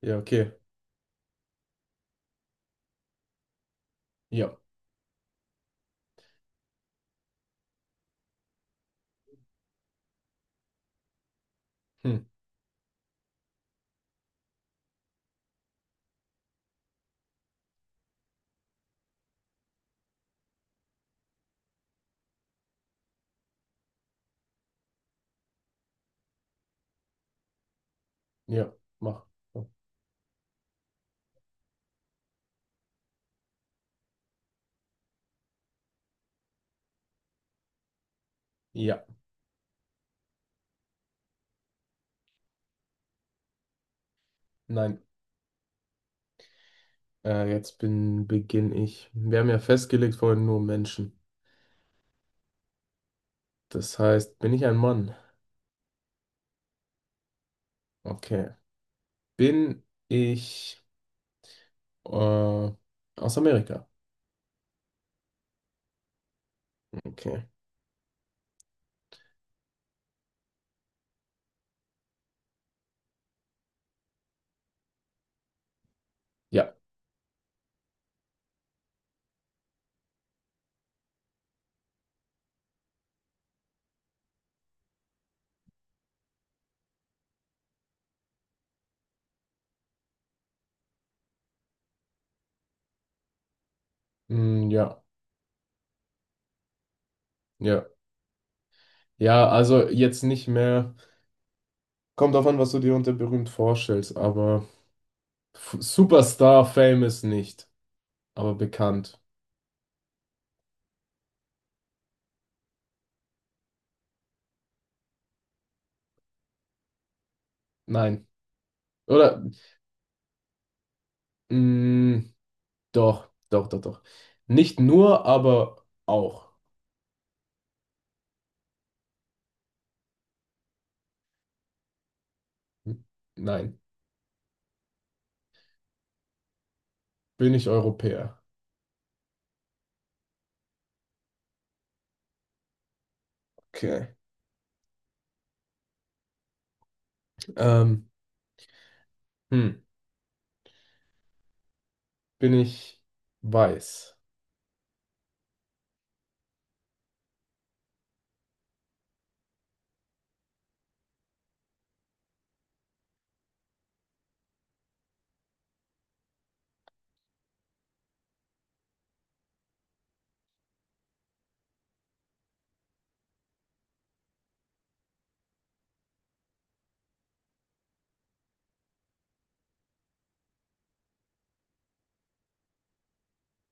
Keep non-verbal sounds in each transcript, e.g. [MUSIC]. Ja, okay. Ja. Hm. Ja, mach. Ja, nein. Beginne ich. Wir haben ja festgelegt vorhin nur Menschen. Das heißt, bin ich ein Mann? Okay. Bin ich äh, aus Amerika? Okay. Ja. Hm, ja. Ja. Ja, also jetzt nicht mehr. Kommt drauf an, was du dir unter berühmt vorstellst, aber Superstar, famous nicht, aber bekannt. Nein. Oder? Hm. Doch, doch, doch, doch. Nicht nur, aber auch. Hm. Nein. Bin ich Europäer? Okay. Ähm, hm. Bin ich weiß?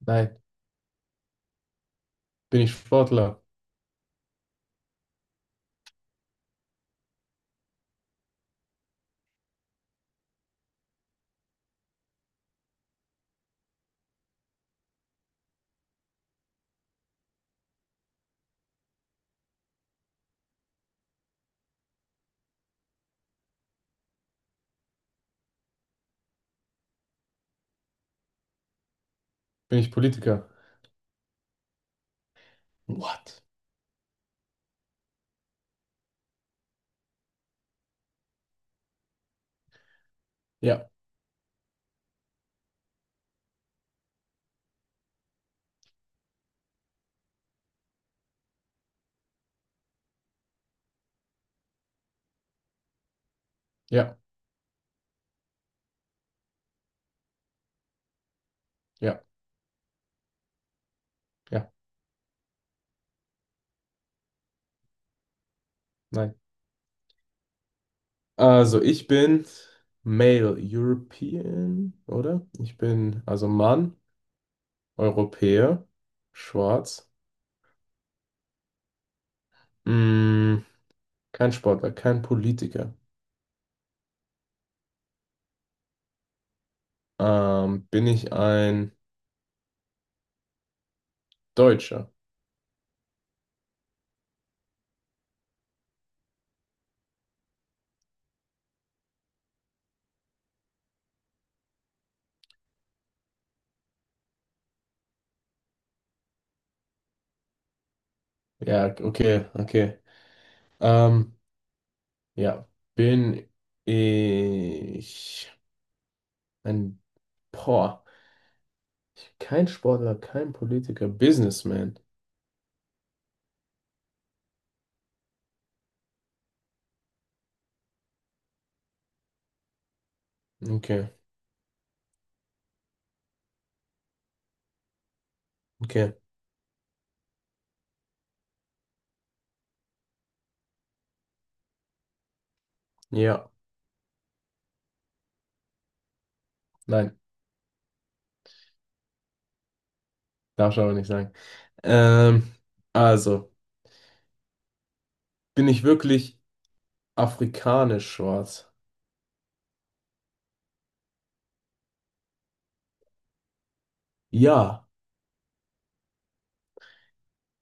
Nein. Bin ich Sportler? Bin ich Politiker? What? Ja, ja, ja, ja, nein. Also ich bin Male European, oder? Ich bin also Mann, Europäer, schwarz. Mm, kein Sportler, kein Politiker. Bin ich ein Deutscher? Ja, okay, okay. Ähm, ja, bin ich ein, boah, kein Sportler, kein Politiker, Businessman. Okay, okay. Ja, nein, darf ich aber nicht sagen. Ähm, also, bin ich wirklich afrikanisch schwarz? Ja,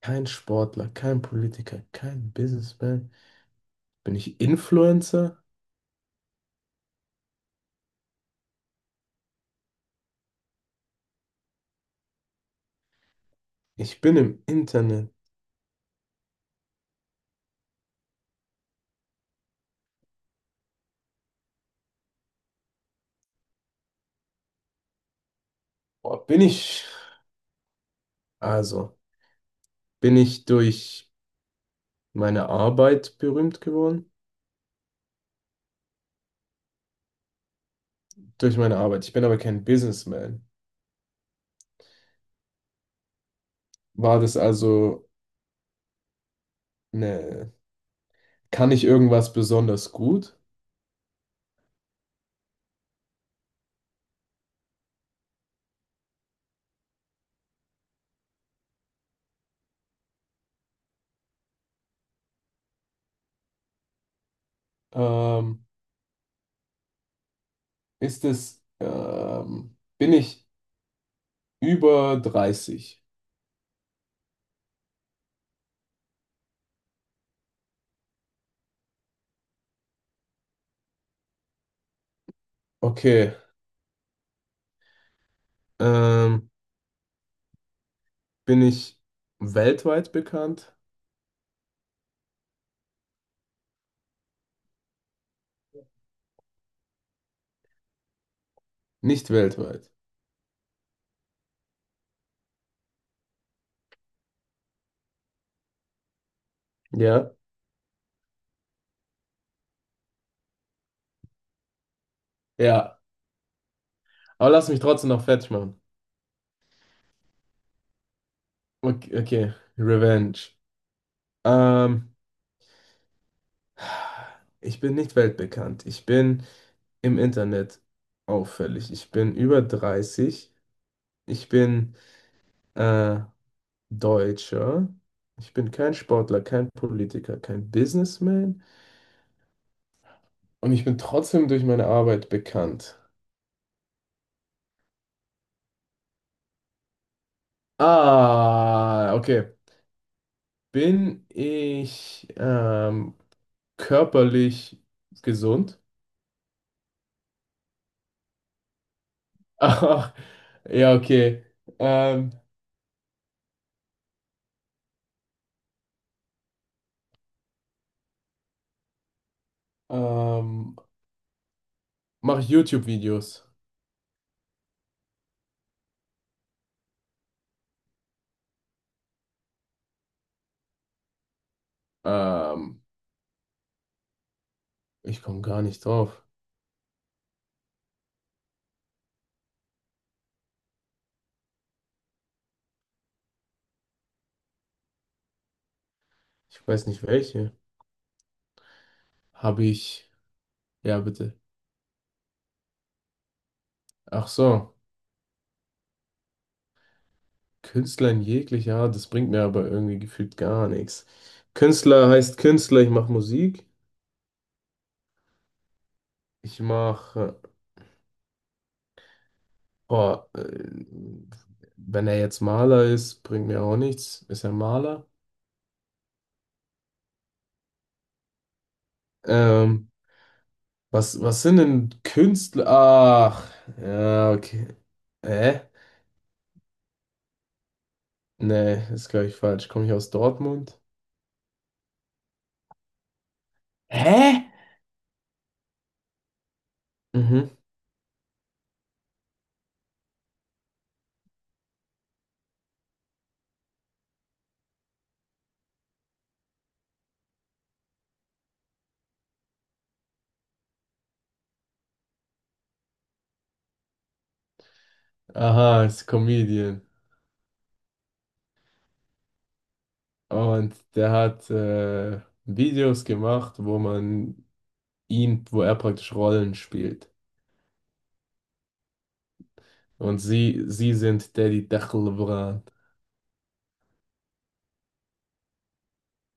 kein Sportler, kein Politiker, kein Businessman. Bin ich Influencer? Ich bin im Internet. Boah, also, bin ich durch meine Arbeit berühmt geworden? Durch meine Arbeit. Ich bin aber kein Businessman. War das also eine, kann ich irgendwas besonders gut? Ähm, bin ich über 30? Okay. Ähm, Bin ich weltweit bekannt? Nicht weltweit. Ja. Ja. Aber lass mich trotzdem noch fertig machen. Okay, okay. Revenge. Ähm, Ich bin nicht weltbekannt. Ich bin im Internet auffällig. Ich bin über 30. Ich bin äh, Deutscher. Ich bin kein Sportler, kein Politiker, kein Businessman. Und ich bin trotzdem durch meine Arbeit bekannt. Ah, okay. Bin ich körperlich gesund? [LAUGHS] Ach, ja, okay. Ähm, ähm, Mache ich YouTube-Videos? Ähm, Ich komme gar nicht drauf. Ich weiß nicht welche. Habe ich. Ja, bitte. Ach so. Künstler in jeglicher Art, das bringt mir aber irgendwie gefühlt gar nichts. Künstler heißt Künstler, ich mache Musik. Ich mache. Boah, wenn er jetzt Maler ist, bringt mir auch nichts. Ist er Maler? Ähm, was sind denn Künstler? Ach, ja, okay. Äh? Nee, ist, gleich falsch. Komme ich aus Dortmund? Hä? Mhm. Aha, ist Comedian. Und der hat Videos gemacht, wo er praktisch Rollen spielt. Und sie sind Daddy Dachel